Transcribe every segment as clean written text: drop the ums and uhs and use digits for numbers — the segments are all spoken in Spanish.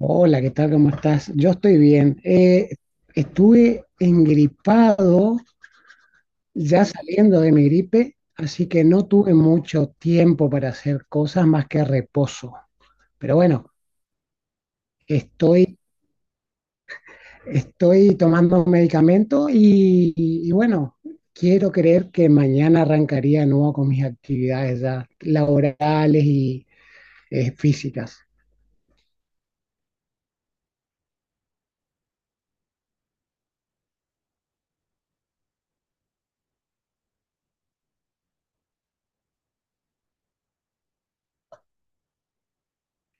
Hola, ¿qué tal? ¿Cómo estás? Yo estoy bien. Estuve engripado, ya saliendo de mi gripe, así que no tuve mucho tiempo para hacer cosas más que reposo. Pero bueno, estoy, estoy tomando un medicamento y bueno, quiero creer que mañana arrancaría de nuevo con mis actividades ya laborales y físicas.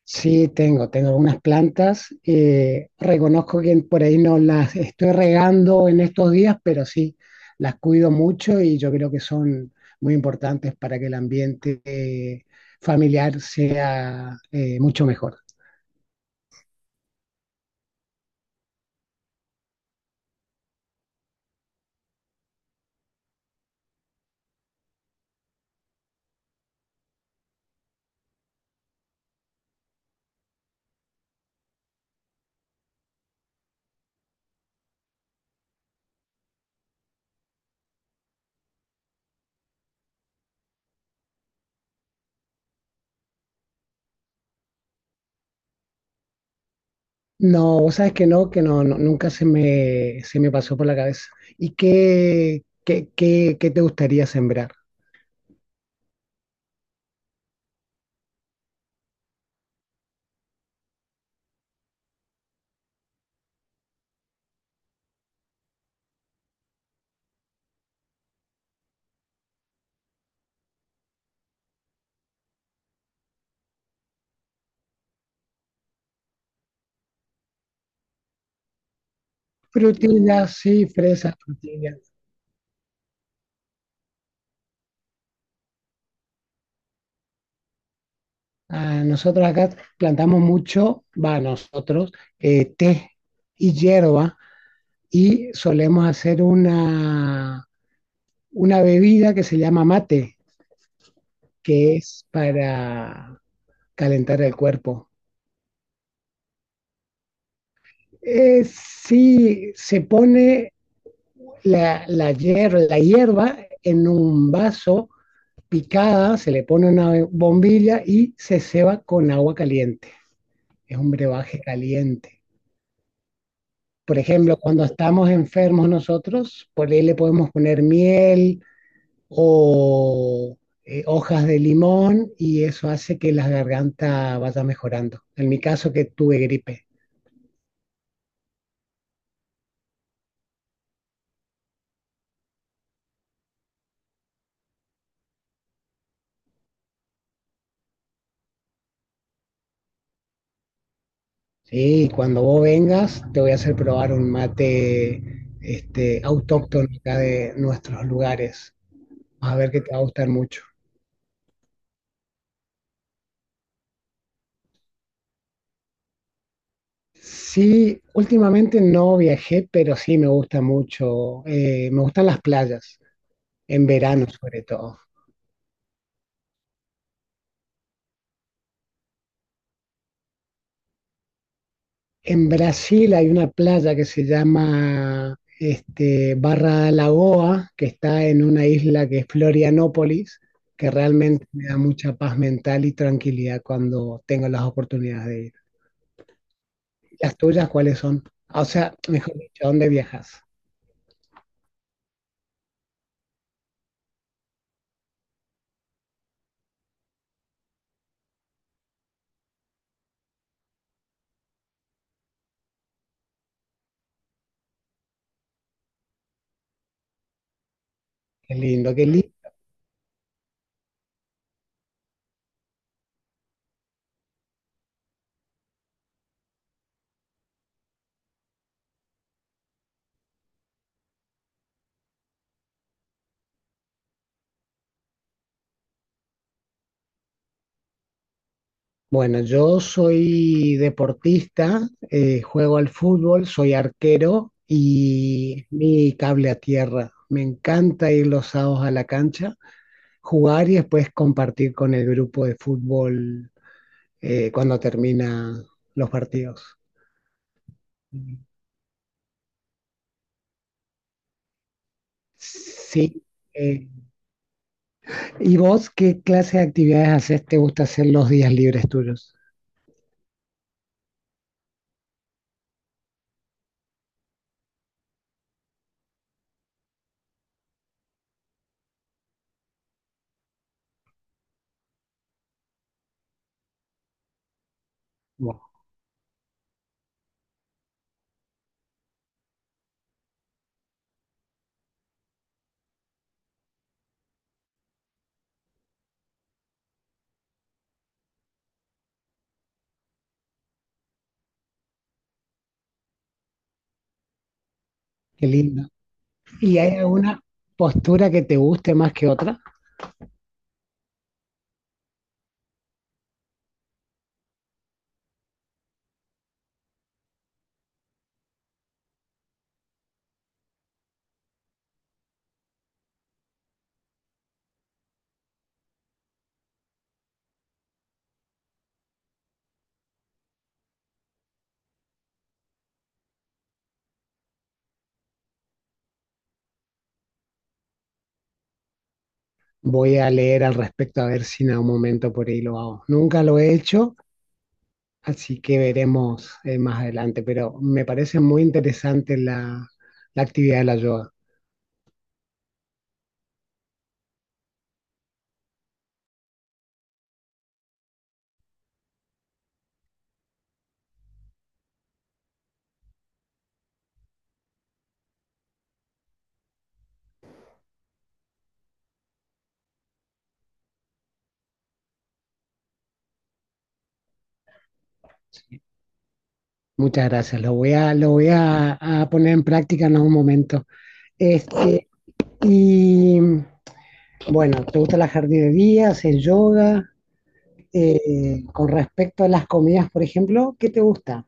Sí, tengo algunas plantas. Reconozco que por ahí no las estoy regando en estos días, pero sí, las cuido mucho y yo creo que son muy importantes para que el ambiente familiar sea mucho mejor. No, vos sabes que no, no, nunca se me pasó por la cabeza. ¿Y qué te gustaría sembrar? Frutillas, sí, fresas, frutillas. Ah, nosotros acá plantamos mucho, va, nosotros, té y hierba y solemos hacer una bebida que se llama mate, que es para calentar el cuerpo. Sí, se pone la hierba en un vaso picada, se le pone una bombilla y se ceba con agua caliente. Es un brebaje caliente. Por ejemplo, cuando estamos enfermos nosotros, por ahí le podemos poner miel o hojas de limón y eso hace que la garganta vaya mejorando. En mi caso que tuve gripe. Sí, cuando vos vengas te voy a hacer probar un mate este, autóctono acá de nuestros lugares. Vas a ver que te va a gustar mucho. Sí, últimamente no viajé, pero sí me gusta mucho. Me gustan las playas, en verano sobre todo. En Brasil hay una playa que se llama este, Barra da Lagoa, que está en una isla que es Florianópolis, que realmente me da mucha paz mental y tranquilidad cuando tengo las oportunidades de ir. ¿Las tuyas cuáles son? Ah, o sea, mejor dicho, ¿a dónde viajas? Qué lindo, qué lindo. Bueno, yo soy deportista, juego al fútbol, soy arquero y mi cable a tierra. Me encanta ir los sábados a la cancha, jugar y después compartir con el grupo de fútbol cuando termina los partidos. Sí. eh, ¿Y vos qué clase de actividades haces? ¿Te gusta hacer los días libres tuyos? Wow, qué lindo. ¿Y hay alguna postura que te guste más que otra? Voy a leer al respecto a ver si en algún momento por ahí lo hago. Nunca lo he hecho, así que veremos más adelante, pero me parece muy interesante la actividad de la yoga. Muchas gracias, a poner en práctica en algún momento. Este, y bueno, ¿te gusta la jardinería? ¿Haces yoga? Con respecto a las comidas, por ejemplo, ¿qué te gusta?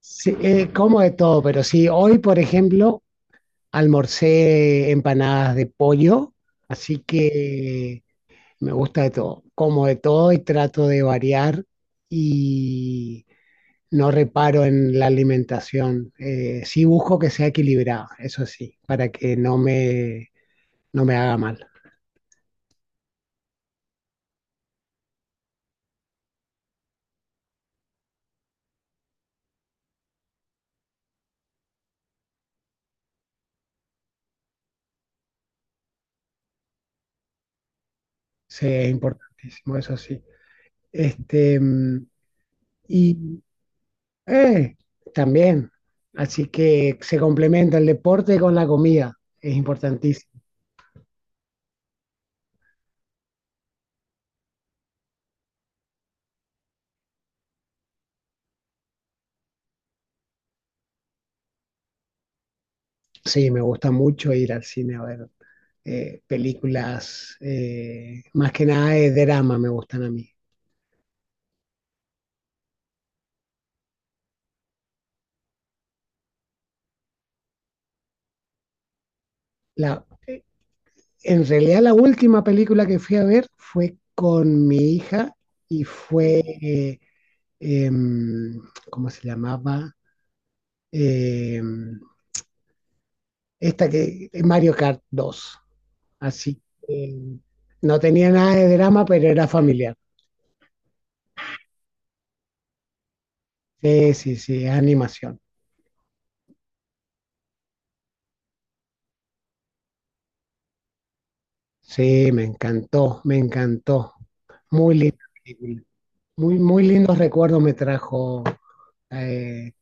Sí, como de todo, pero sí, hoy, por ejemplo, almorcé empanadas de pollo, así que me gusta de todo. Como de todo y trato de variar y no reparo en la alimentación. Sí busco que sea equilibrada, eso sí, para que no me haga mal. Sí, es importantísimo, eso sí. Este, mm, y eh, también, así que se complementa el deporte con la comida, es importantísimo. Sí, me gusta mucho ir al cine a ver películas, más que nada de drama me gustan a mí. La, En realidad la última película que fui a ver fue con mi hija y fue, em, ¿cómo se llamaba? Em, esta que, Mario Kart 2. Así que em, no tenía nada de drama, pero era familiar. Sí, sí, sí, es animación. Sí, me encantó, me encantó. Muy linda película. Muy, muy lindos recuerdos me trajo eh,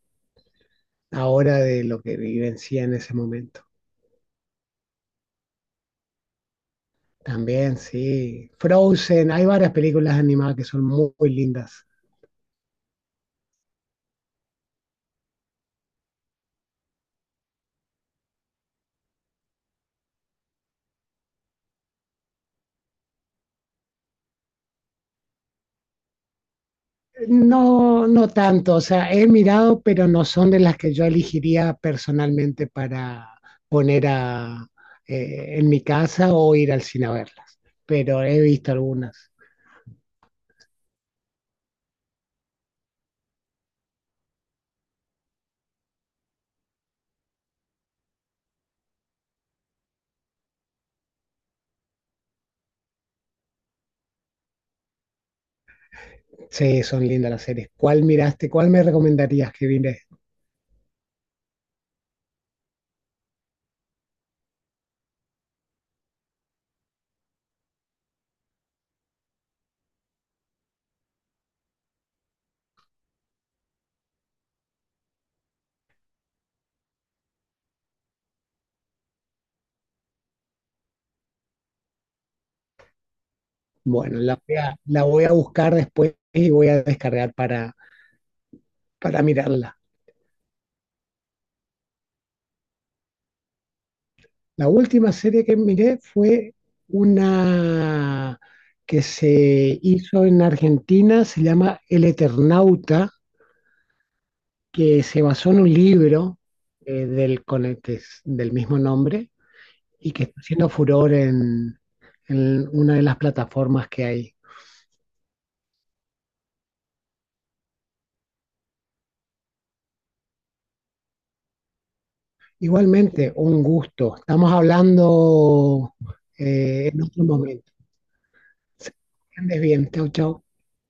ahora de lo que vivencia en ese momento. También, sí. Frozen, hay varias películas animadas que son muy, muy lindas. No, no tanto, o sea, he mirado, pero no son de las que yo elegiría personalmente para poner a, en mi casa o ir al cine a verlas, pero he visto algunas. Sí, son lindas las series. ¿Cuál miraste? ¿Cuál me recomendarías que vine? Bueno, la voy a buscar después y voy a descargar para mirarla. La última serie que miré fue una que se hizo en Argentina, se llama El Eternauta, que se basó en un libro del, con el que es del mismo nombre y que está haciendo furor en una de las plataformas que hay. Igualmente, un gusto. Estamos hablando en otro momento. Que Andes bien. Chau, chau.